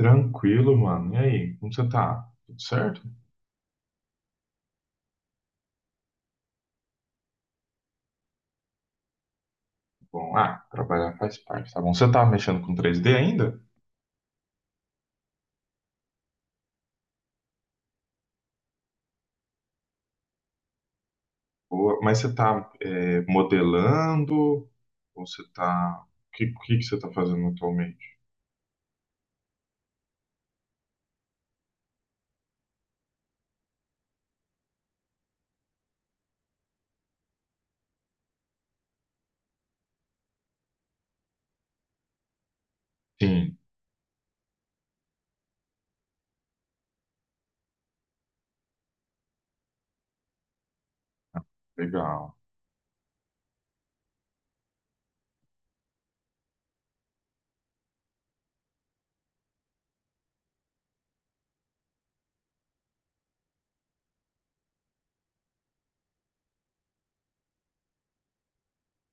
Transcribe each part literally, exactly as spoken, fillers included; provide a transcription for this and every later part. Tranquilo, mano. E aí, como você tá? Tudo certo? Bom, ah, trabalhar faz parte, tá bom? Você tá mexendo com três D ainda? Ou- mas você tá é, modelando? Ou você tá... O que, o que que você tá fazendo atualmente? Sim, legal.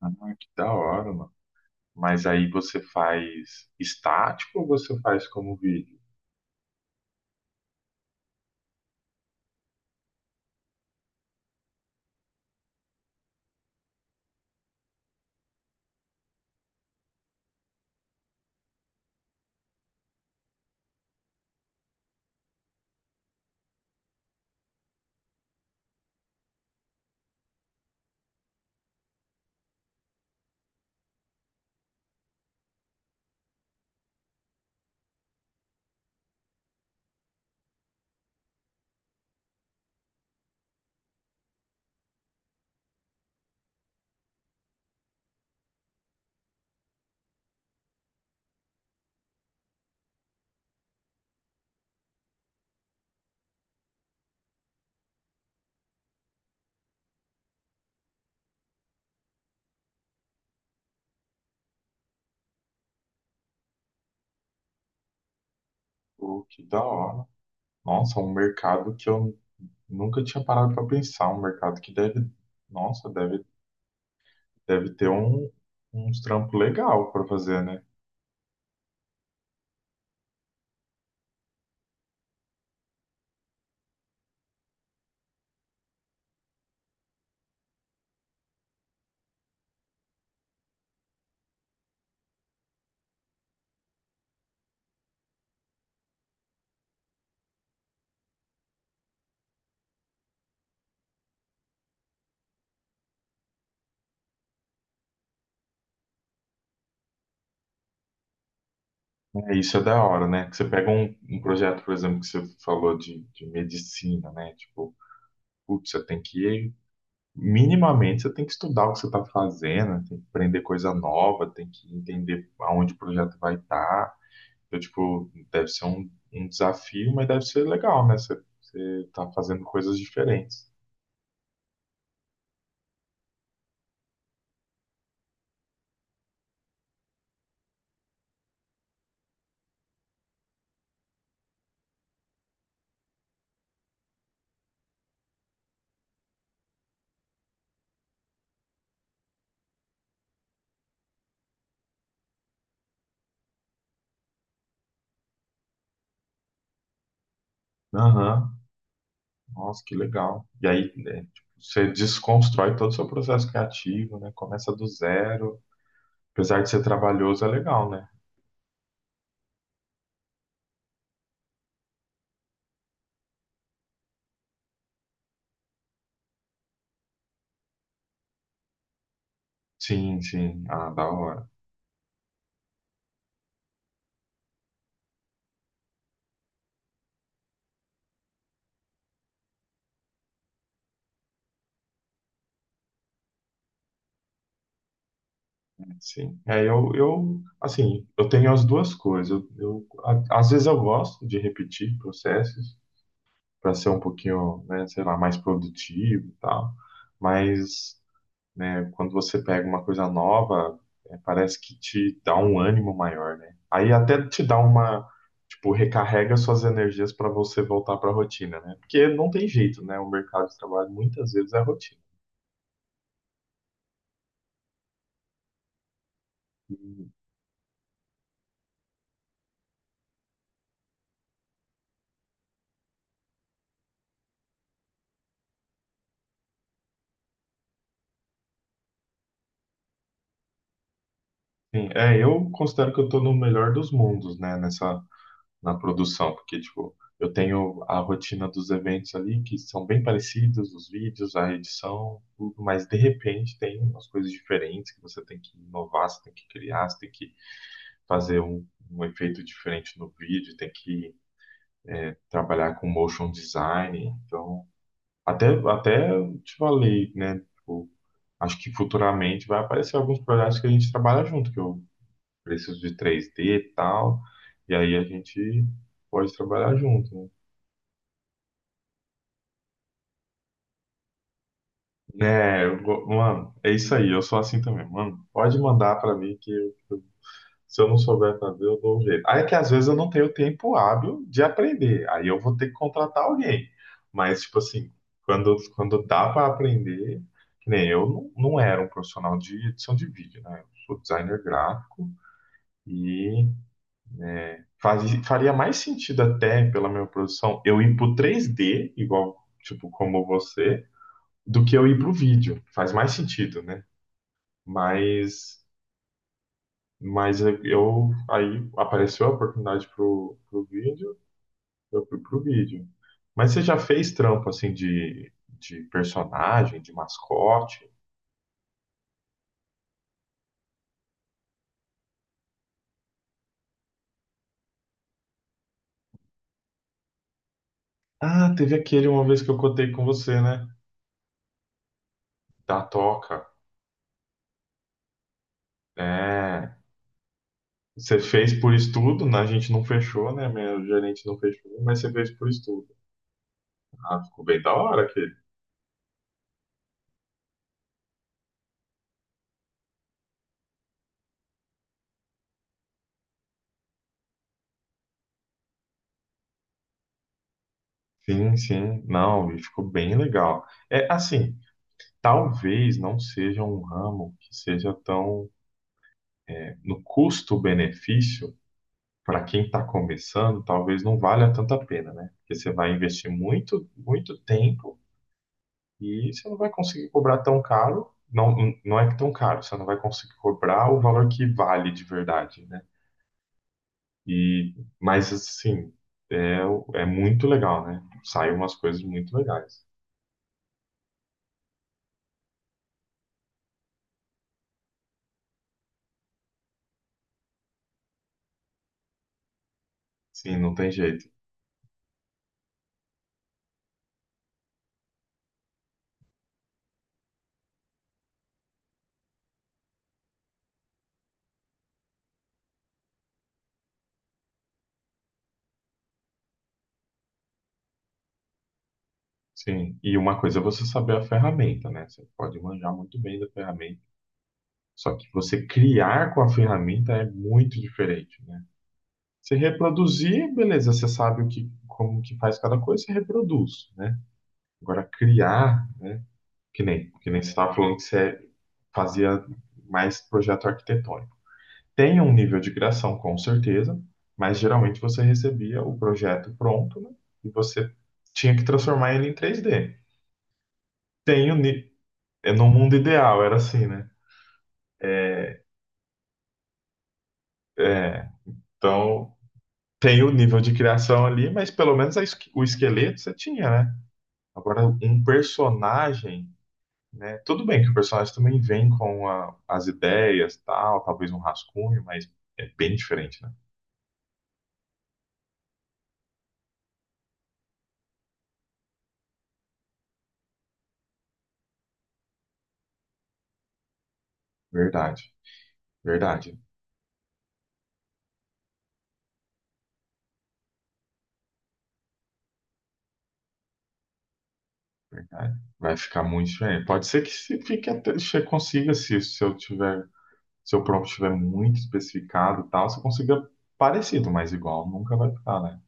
Ah, que da hora, mano. Mas aí você faz estático ou você faz como vídeo? Pô, que da hora. Nossa, um mercado que eu nunca tinha parado pra pensar. Um mercado que deve... Nossa, deve deve ter um, uns trampos legal para fazer, né? É, isso é da hora, né? Que você pega um, um projeto, por exemplo, que você falou de, de medicina, né? Tipo, putz, você tem que, minimamente, você tem que estudar o que você está fazendo, tem que aprender coisa nova, tem que entender aonde o projeto vai estar. Então, tipo, deve ser um, um desafio, mas deve ser legal, né? Você, você tá fazendo coisas diferentes. Aham. Nossa, que legal. E aí, né, tipo, você desconstrói todo o seu processo criativo, né? Começa do zero. Apesar de ser trabalhoso, é legal, né? Sim, sim. Ah, da hora. Sim. É, eu, eu, assim, eu tenho as duas coisas. Eu, eu- a- às vezes eu gosto de repetir processos para ser um pouquinho, né, sei lá, mais produtivo e tal. Mas, né? Quando você pega uma coisa nova, é, parece que te dá um ânimo maior, né? Aí até te dá uma, tipo, recarrega suas energias para você voltar para a rotina, né? Porque não tem jeito, né? O mercado de trabalho muitas vezes é rotina. Sim, é, eu considero que eu tô no melhor dos mundos, né, nessa, na produção, porque, tipo, eu tenho a rotina dos eventos ali, que são bem parecidos, os vídeos, a edição, tudo, mas de repente tem umas coisas diferentes que você tem que inovar, você tem que criar, você tem que fazer um, um efeito diferente no vídeo, tem que trabalhar com motion design. Então, até, até eu te falei, né? Tipo, acho que futuramente vai aparecer alguns projetos que a gente trabalha junto, que eu preciso de três d e tal, e aí a gente pode trabalhar junto, né? É, eu go- mano, é isso aí, eu sou assim também, mano. Pode mandar pra mim que eu se eu não souber fazer, eu dou um jeito. Aí é que às vezes eu não tenho tempo hábil de aprender. Aí eu vou ter que contratar alguém. Mas, tipo assim, quando, quando dá para aprender, que nem eu não, não era um profissional de edição de vídeo, né? Eu sou designer gráfico e faz, faria mais sentido até pela minha produção eu ir pro três D, igual, tipo, como você, do que eu ir pro vídeo. Faz mais sentido, né? Mas, mas eu aí apareceu a oportunidade pro, pro vídeo. Eu fui pro vídeo. Mas você já fez trampo assim de, de personagem, de mascote? Ah, teve aquele uma vez que eu contei com você, né? Da Toca. É. Você fez por estudo, né? A gente não fechou, né? Meu gerente não fechou, mas você fez por estudo. Ah, ficou bem da hora aquele. Sim, sim. Não, e ficou bem legal. É assim, talvez não seja um ramo que seja tão é, no custo-benefício. Para quem está começando, talvez não valha tanto a pena, né? Porque você vai investir muito, muito tempo e você não vai conseguir cobrar tão caro. Não, não é que tão caro, você não vai conseguir cobrar o valor que vale de verdade, né? E, mas, assim, é, é muito legal, né? Saem umas coisas muito legais. Sim, não tem jeito. Sim, e uma coisa é você saber a ferramenta, né? Você pode manjar muito bem da ferramenta, só que você criar com a ferramenta é muito diferente, né? Se reproduzir, beleza, você sabe o que, como que faz cada coisa, você reproduz, né? Agora criar, né? Que nem, que nem você estava falando que você fazia mais projeto arquitetônico. Tem um nível de criação, com certeza, mas geralmente você recebia o projeto pronto, né? E você tinha que transformar ele em três D. Tem o, ni- É no mundo ideal, era assim, né? É, então tem o nível de criação ali, mas pelo menos a esqui- o esqueleto você tinha, né? Agora, um personagem, né? Tudo bem que o personagem também vem com a- as ideias, tal, talvez um rascunho, mas é bem diferente, né? Verdade, verdade, verdade. Vai ficar muito diferente. Pode ser que se fique até, che- consiga, se, se eu tiver, se o prompt tiver muito especificado, e tal, você consiga parecido, mas igual nunca vai ficar, né?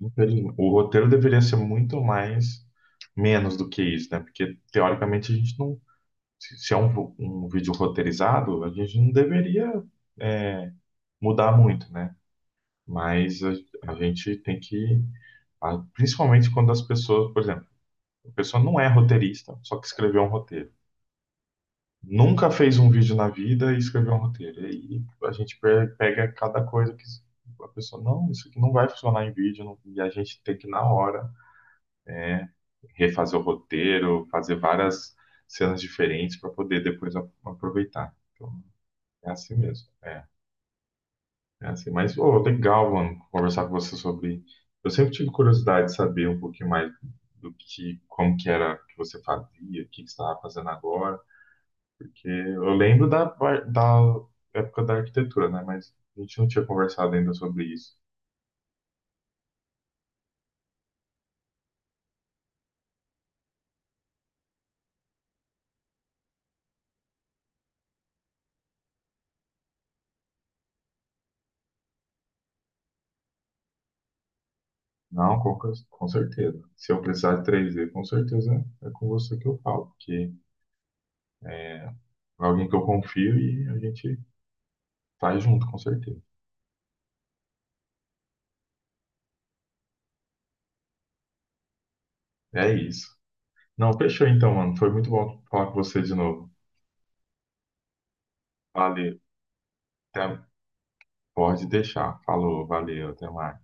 Infelizmente. O roteiro deveria ser muito mais menos do que isso, né? Porque teoricamente a gente não, se se é um, um vídeo roteirizado, a gente não deveria é, mudar muito, né? Mas a, a gente tem que, a- principalmente quando as pessoas, por exemplo, a pessoa não é roteirista, só que escreveu um roteiro. Nunca fez um vídeo na vida e escreveu um roteiro. E aí a gente pe- pega cada coisa que a pessoa, não, isso aqui não vai funcionar em vídeo, não- e a gente tem que, na hora, né, refazer o roteiro, fazer várias cenas diferentes para poder depois a- aproveitar. Então, é assim mesmo. É, é assim, mas, ô, legal, mano, conversar com você sobre. Eu sempre tive curiosidade de saber um pouquinho mais do que, como que era que você fazia, o que que você estava fazendo agora, porque eu lembro da, par- da época da arquitetura, né? Mas a gente não tinha conversado ainda sobre isso. Não, com, com certeza. Se eu precisar de três D, com certeza é com você que eu falo, porque é é alguém que eu confio e a gente faz junto, com certeza. É isso. Não, fechou então, mano. Foi muito bom falar com você de novo. Valeu. Até- Pode deixar. Falou, valeu, até mais.